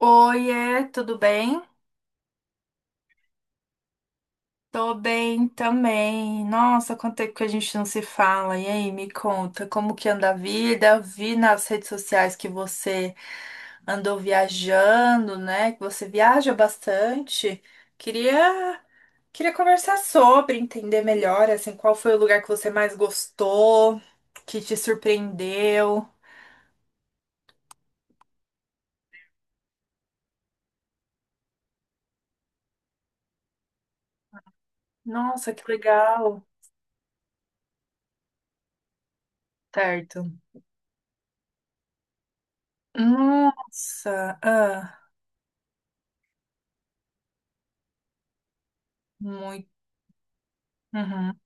Oiê, tudo bem? Tô bem também. Nossa, quanto tempo que a gente não se fala. E aí, me conta, como que anda a vida? Vi nas redes sociais que você andou viajando, né? Que você viaja bastante. Queria, queria conversar sobre, entender melhor, assim, qual foi o lugar que você mais gostou, que te surpreendeu. Nossa, que legal. Certo. Nossa, ah, muito. Uhum,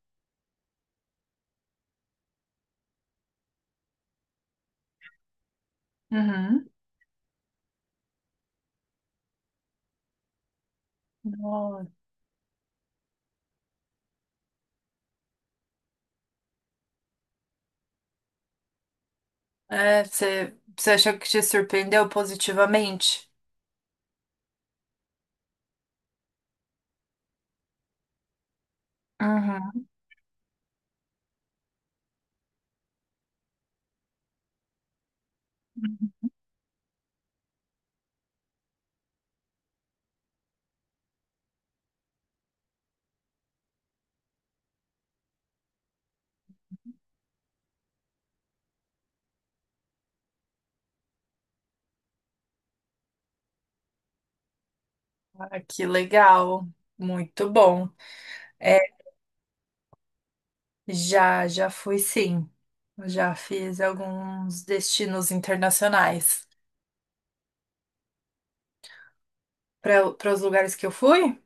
uhum. Nossa. É, você achou que te surpreendeu positivamente? Uhum. Ah, que legal. Muito bom. É, já fui sim. Já fiz alguns destinos internacionais. Para os lugares que eu fui?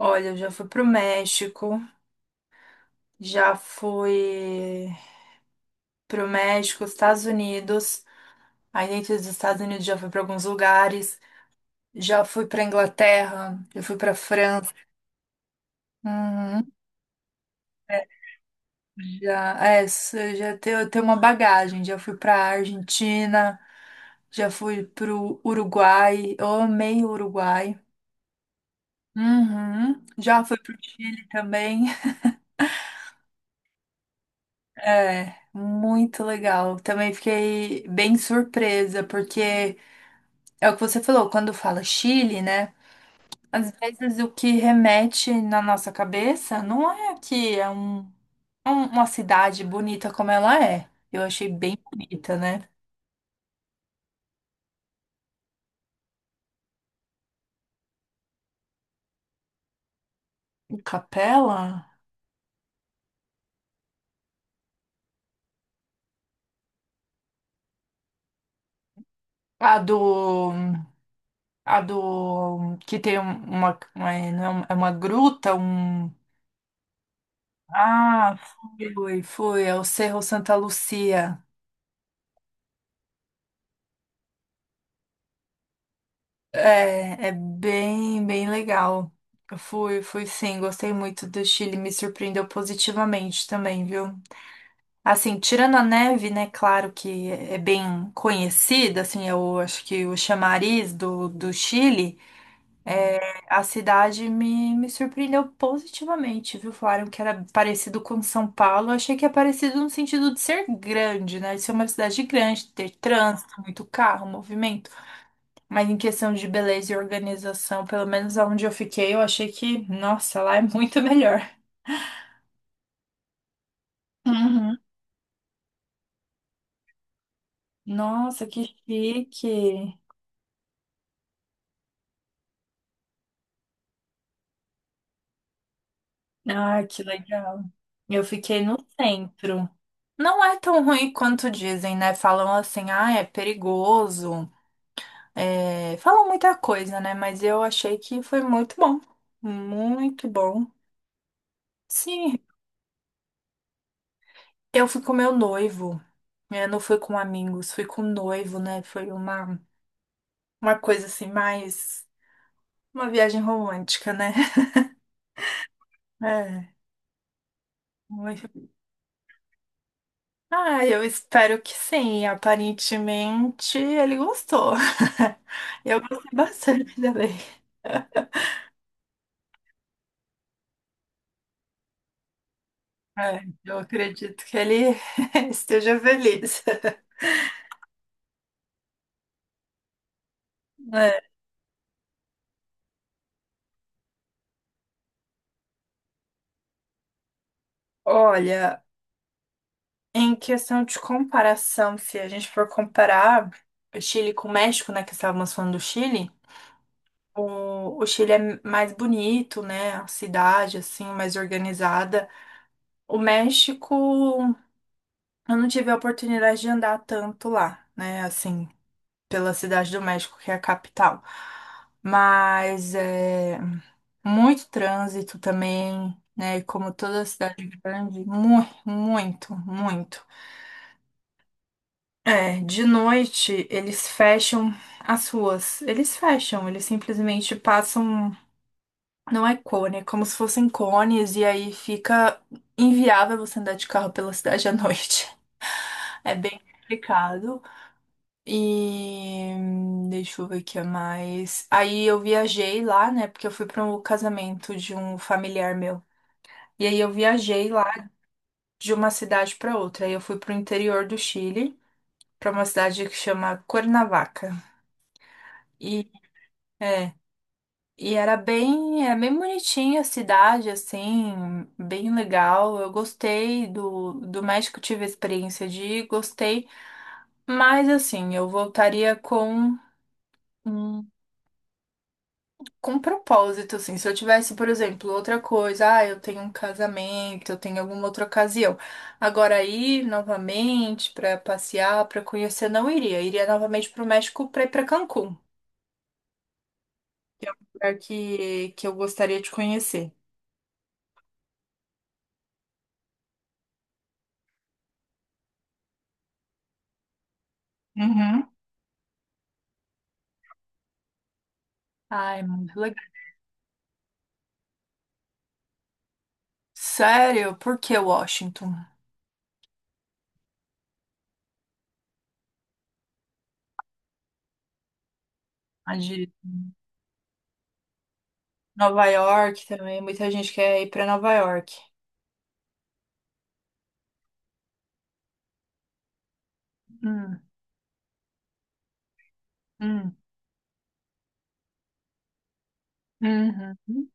Olha, eu já fui para o México, já fui Estados Unidos. Aí dentro dos Estados Unidos já fui para alguns lugares. Já fui para Inglaterra, já fui para França. Uhum. Já, é, cê já tem, eu tenho uma bagagem. Já fui pra Argentina, já fui pro Uruguai. Eu amei o Uruguai. Uhum. Já fui pro Chile também. É, muito legal. Também fiquei bem surpresa, porque é o que você falou, quando fala Chile, né? Às vezes o que remete na nossa cabeça não é que é uma cidade bonita como ela é. Eu achei bem bonita, né? Capela? A do. A do. Que tem não é uma, é uma gruta, um. Ah, fui. É o Cerro Santa Lucia. É, bem legal. Eu fui sim. Gostei muito do Chile. Me surpreendeu positivamente também, viu? Assim, tirando a neve, né? Claro que é bem conhecida, assim, eu acho que o chamariz do Chile. A cidade me surpreendeu positivamente, viu? Falaram que era parecido com São Paulo. Eu achei que é parecido no sentido de ser grande, né? De ser uma cidade grande, ter trânsito, muito carro, movimento. Mas em questão de beleza e organização, pelo menos onde eu fiquei, eu achei que, nossa, lá é muito melhor. Uhum. Nossa, que chique! Ah, que legal. Eu fiquei no centro. Não é tão ruim quanto dizem, né? Falam assim, ah, é perigoso. É, falam muita coisa, né? Mas eu achei que foi muito bom. Muito bom. Sim, eu fui com meu noivo. Eu não fui com amigos, fui com noivo, né? Foi uma coisa assim, mais uma viagem romântica, né? É. muito- Ah, eu espero que sim. Aparentemente ele gostou. Eu gostei bastante dele. É, eu acredito que ele esteja feliz. É, Olha. Em questão de comparação, se a gente for comparar o Chile com o México, né, que estávamos falando do Chile, o Chile é mais bonito, né, a cidade, assim, mais organizada. O México, eu não tive a oportunidade de andar tanto lá, né, assim, pela cidade do México, que é a capital. Mas é muito trânsito também, né, como toda cidade grande, muito, muito, muito. É, de noite eles fecham as ruas. Eles fecham, eles simplesmente passam. Não é cone, é como se fossem cones, e aí fica inviável você andar de carro pela cidade à noite. É bem complicado. E deixa eu ver o que é mais. Aí eu viajei lá, né? Porque eu fui para um casamento de um familiar meu. E aí eu viajei lá de uma cidade para outra. Aí eu fui pro interior do Chile, para uma cidade que chama Cuernavaca. E é, E era bem bonitinha a cidade, assim, bem legal. Eu gostei do México, tive a experiência de ir, gostei. Mas, assim, eu voltaria um- com um propósito, assim. Se eu tivesse, por exemplo, outra coisa, ah, eu tenho um casamento, eu tenho alguma outra ocasião. Agora, ir novamente para passear, para conhecer, não iria. Iria novamente para o México para ir para Cancún, lugar que eu gostaria de conhecer. Uhum. Ai, muito legal. Sério? Por que Washington? A de Nova York também, muita gente quer ir pra Nova York. Hum, hum, uhum.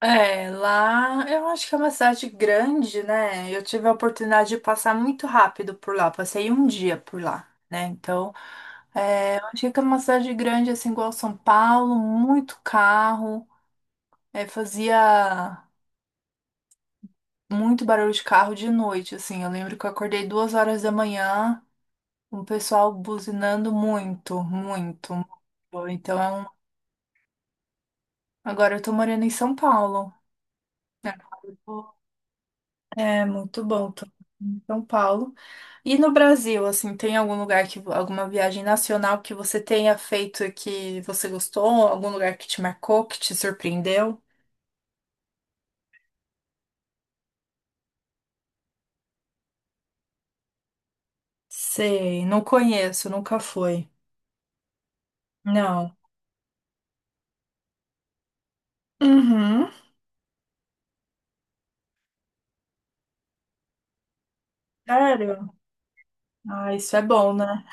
É, lá eu acho que é uma cidade grande, né? Eu tive a oportunidade de passar muito rápido por lá, passei um dia por lá, né? Então, é, eu achei que é uma cidade grande, assim, igual São Paulo, muito carro, é, fazia muito barulho de carro de noite, assim. Eu lembro que eu acordei 2 horas da manhã. Um pessoal buzinando muito, muito, muito. Então é um. Agora eu tô morando em São Paulo. Né? Eu tô- É muito bom, tô em São Paulo. E no Brasil, assim, tem algum lugar que alguma viagem nacional que você tenha feito e que você gostou? Algum lugar que te marcou, que te surpreendeu? Sei, não conheço, nunca fui. Não. Uhum. Sério? Ah, isso é bom, né?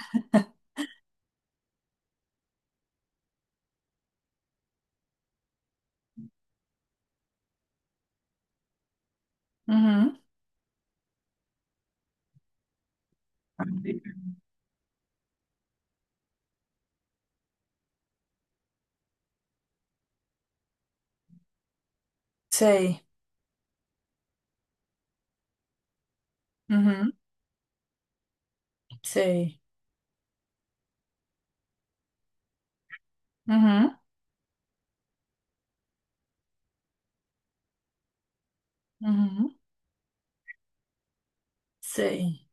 Uhum. Sei. Uhum. Sei. Uhum. Uhum. Sei.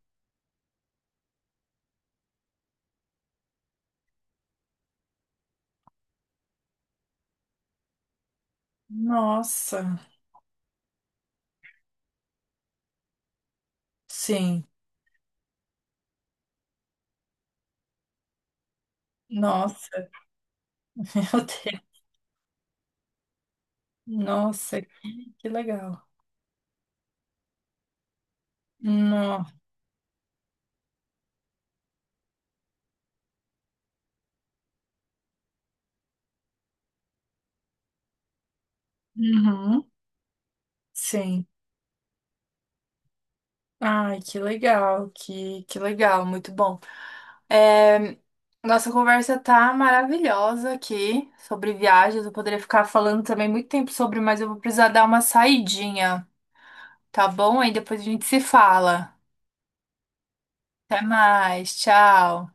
Nossa, sim. Nossa, meu Deus. Nossa, que legal. No. Uhum. Sim. Ai, que legal, que legal, muito bom. É, nossa conversa tá maravilhosa aqui sobre viagens. Eu poderia ficar falando também muito tempo sobre, mas eu vou precisar dar uma saidinha, tá bom? Aí depois a gente se fala. Até mais, tchau.